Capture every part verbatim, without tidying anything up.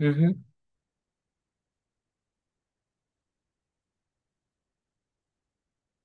Hı hı.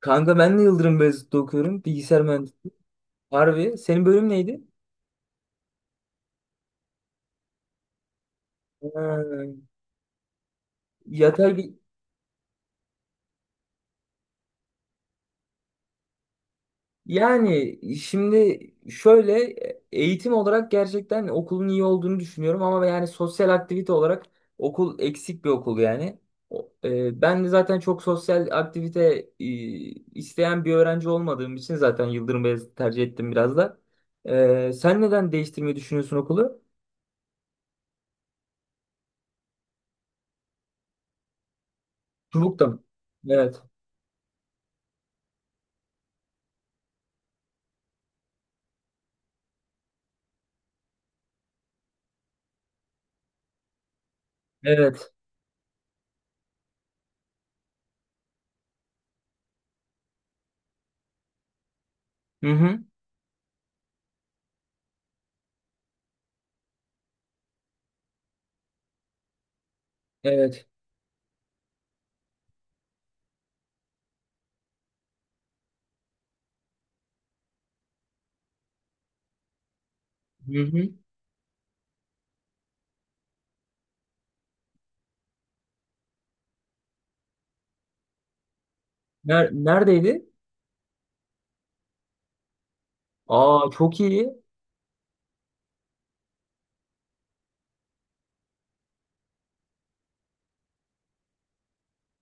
Kanka ben de Yıldırım Beyazıt'ta okuyorum. Bilgisayar mühendisliği. Harbi. Senin bölüm neydi? Ha, yatay bir... Yani şimdi şöyle eğitim olarak gerçekten okulun iyi olduğunu düşünüyorum ama yani sosyal aktivite olarak okul eksik bir okul yani. O- e, ben de zaten çok sosyal aktivite e, isteyen bir öğrenci olmadığım için zaten Yıldırım Beyazıt'ı tercih ettim biraz da. E, sen neden değiştirmeyi düşünüyorsun okulu? Çubuk'ta mı? Evet. Evet. Hı hı. Evet. Hı hı. Ner- neredeydi? Aa, çok iyi.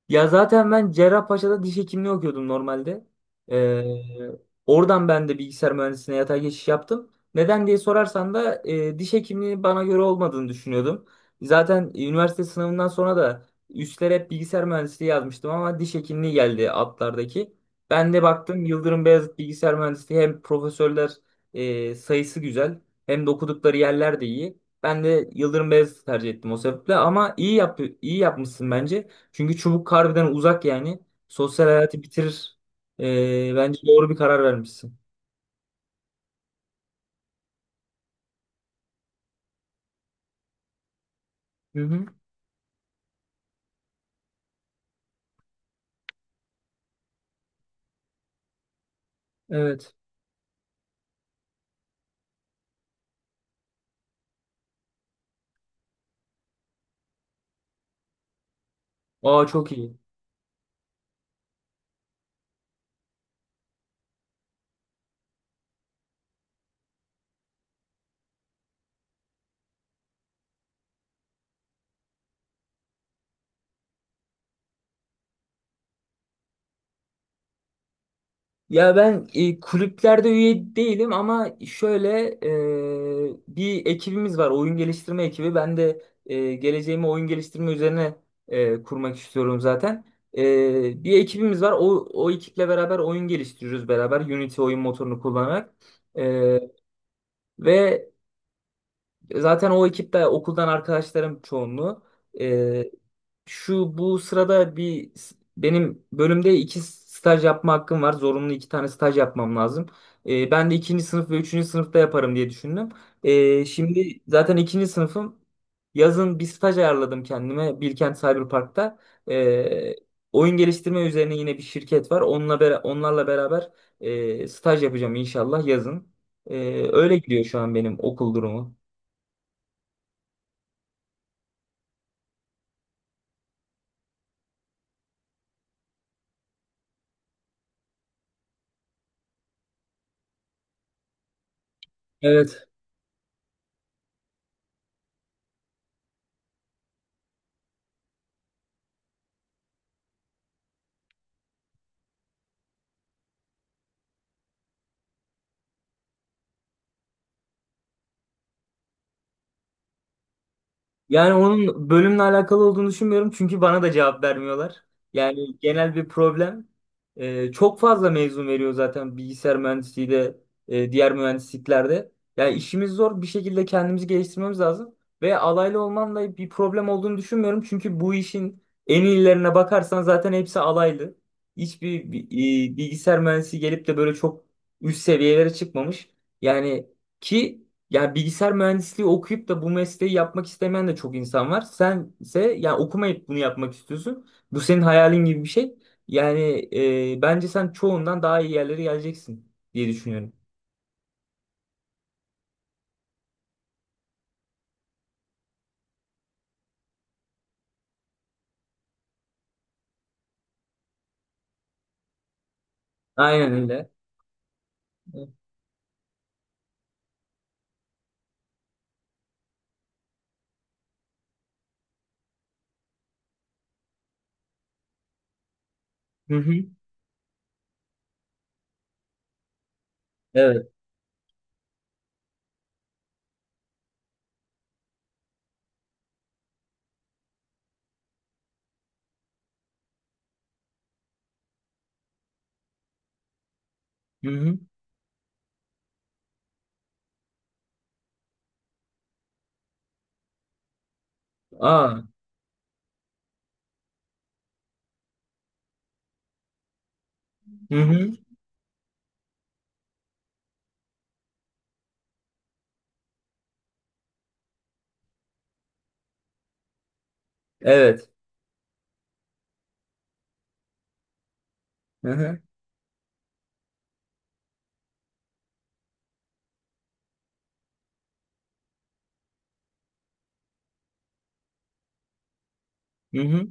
Ya zaten ben Cerrahpaşa'da diş hekimliği okuyordum normalde. Ee, Oradan ben de bilgisayar mühendisliğine yatay geçiş yaptım. Neden diye sorarsan da e, diş hekimliği bana göre olmadığını düşünüyordum. Zaten üniversite sınavından sonra da üstlere hep bilgisayar mühendisliği yazmıştım ama diş hekimliği geldi altlardaki. Ben de baktım Yıldırım Beyazıt Bilgisayar Mühendisliği hem profesörler e, sayısı güzel hem de okudukları yerler de iyi. Ben de Yıldırım Beyazıt'ı tercih ettim o sebeple ama iyi yap iyi yapmışsın bence. Çünkü çubuk harbiden uzak yani. Sosyal hayatı bitirir. Ee, bence doğru bir karar vermişsin. Hı hı. Evet. Aa, çok iyi. Ya ben e, kulüplerde üye değilim ama şöyle, e, bir ekibimiz var. Oyun geliştirme ekibi. Ben de e, geleceğimi oyun geliştirme üzerine e, kurmak istiyorum zaten. E, bir ekibimiz var. O, o ekiple beraber oyun geliştiriyoruz beraber. Unity oyun motorunu kullanarak. E, ve Zaten o ekipte okuldan arkadaşlarım çoğunluğu. Ee, şu bu sırada bir s- benim bölümde iki staj yapma hakkım var. Zorunlu iki tane staj yapmam lazım. Ee, ben de ikinci sınıf ve üçüncü sınıfta yaparım diye düşündüm. Ee, şimdi zaten ikinci sınıfım. Yazın bir staj ayarladım kendime Bilkent Cyberpark'ta. Ee, Oyun geliştirme üzerine yine bir şirket var. Onunla bera- onlarla beraber e, staj yapacağım inşallah yazın. Ee, öyle gidiyor şu an benim okul durumu. Evet. Yani onun bölümle alakalı olduğunu düşünmüyorum çünkü bana da cevap vermiyorlar. Yani genel bir problem. Ee, çok fazla mezun veriyor zaten bilgisayar mühendisliği de e, diğer mühendisliklerde. Yani işimiz zor, bir şekilde kendimizi geliştirmemiz lazım. Ve alaylı olman da bir problem olduğunu düşünmüyorum. Çünkü bu işin en iyilerine bakarsan zaten hepsi alaylı. Hiçbir bi- e, bilgisayar mühendisi gelip de böyle çok üst seviyelere çıkmamış. Yani ki yani bilgisayar mühendisliği okuyup da bu mesleği yapmak istemeyen de çok insan var. Sense yani okumayıp bunu yapmak istiyorsun. Bu senin hayalin gibi bir şey. Yani, e, bence sen çoğundan daha iyi yerlere geleceksin diye düşünüyorum. Aynen öyle. Hı hı. Evet. Hı hı. Aa. Hı hı. Evet. Hı hı. Hı hı.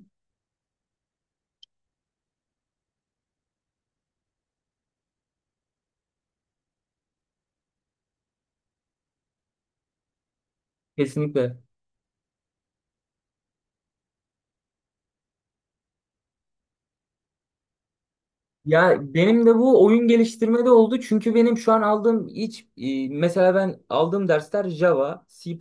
Kesinlikle. Ya benim de bu oyun geliştirmede oldu. Çünkü benim şu an aldığım hiç e, mesela ben aldığım dersler Java, C++.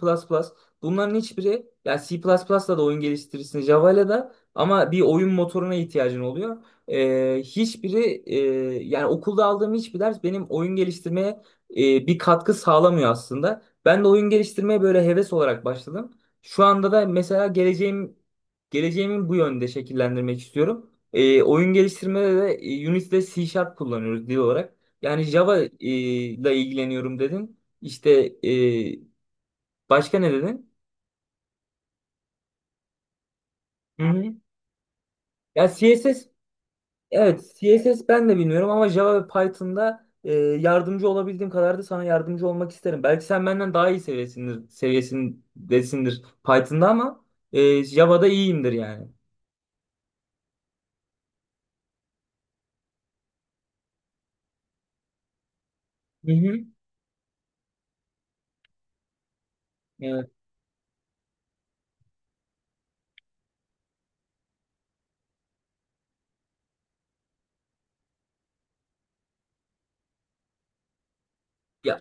Bunların hiçbiri, ya C++'la da oyun geliştirirsin Java'yla da ama bir oyun motoruna ihtiyacın oluyor. E, hiçbiri e, Yani okulda aldığım hiçbir ders benim oyun geliştirmeye e, bir katkı sağlamıyor aslında. Ben de oyun geliştirmeye böyle heves olarak başladım. Şu anda da mesela geleceğim geleceğimi bu yönde şekillendirmek istiyorum. E, oyun geliştirmede de e, Unity'de C Sharp kullanıyoruz dil olarak. Yani Java e, ile ilgileniyorum dedin. İşte e, Başka ne dedin? Hı hı. Ya C S S, evet C S S ben de bilmiyorum ama Java ve Python'da e, yardımcı olabildiğim kadar da sana yardımcı olmak isterim. Belki sen benden daha iyi seviyesindir, seviyesindesindir Python'da ama e, Java'da iyiyimdir yani. Hı hı. Evet. Ya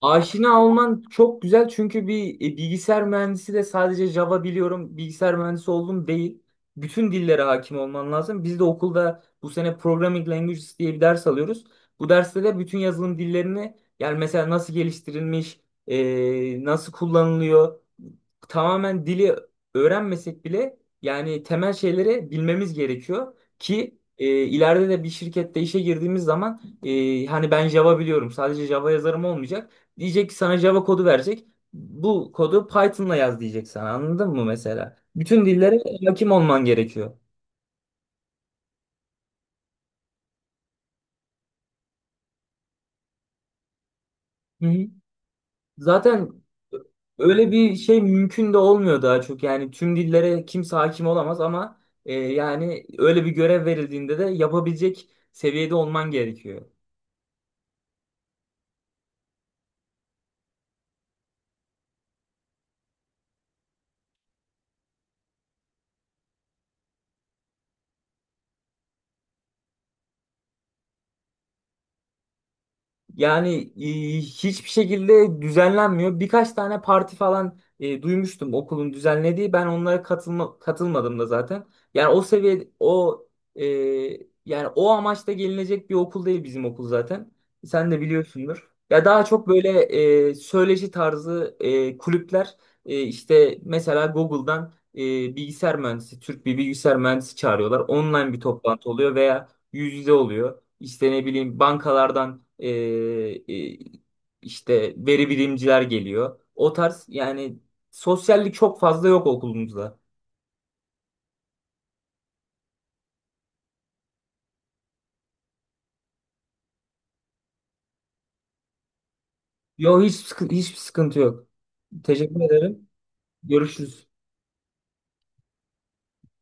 Aşina olman çok güzel çünkü bir e, bilgisayar mühendisi de sadece Java biliyorum, bilgisayar mühendisi oldum değil. Bütün dillere hakim olman lazım. Biz de okulda bu sene Programming Languages diye bir ders alıyoruz. Bu derste de bütün yazılım dillerini, yani mesela nasıl geliştirilmiş, e, nasıl kullanılıyor, tamamen dili öğrenmesek bile yani temel şeyleri bilmemiz gerekiyor ki e, ileride de bir şirkette işe girdiğimiz zaman e, hani ben Java biliyorum, sadece Java yazarım olmayacak. Diyecek ki sana Java kodu verecek. Bu kodu Python'la yaz diyecek sana. Anladın mı mesela? Bütün dillere hakim olman gerekiyor. Hı hı. Zaten öyle bir şey mümkün de olmuyor daha çok. Yani tüm dillere kimse hakim olamaz ama e, yani öyle bir görev verildiğinde de yapabilecek seviyede olman gerekiyor. Yani, e, hiçbir şekilde düzenlenmiyor. Birkaç tane parti falan e, duymuştum okulun düzenlediği. Ben onlara katılma, katılmadım da zaten. Yani o seviye o e, Yani o amaçla gelinecek bir okul değil bizim okul zaten. Sen de biliyorsundur. Ya daha çok böyle e, söyleşi tarzı e, kulüpler, e, işte mesela Google'dan e, bilgisayar mühendisi, Türk bir bilgisayar mühendisi çağırıyorlar. Online bir toplantı oluyor veya yüz yüze oluyor. İşte ne bileyim, bankalardan e, e, işte veri bilimciler geliyor. O tarz yani, sosyallik çok fazla yok okulumuzda. Yok hiç sıkı- hiçbir sıkıntı yok. Teşekkür ederim. Görüşürüz.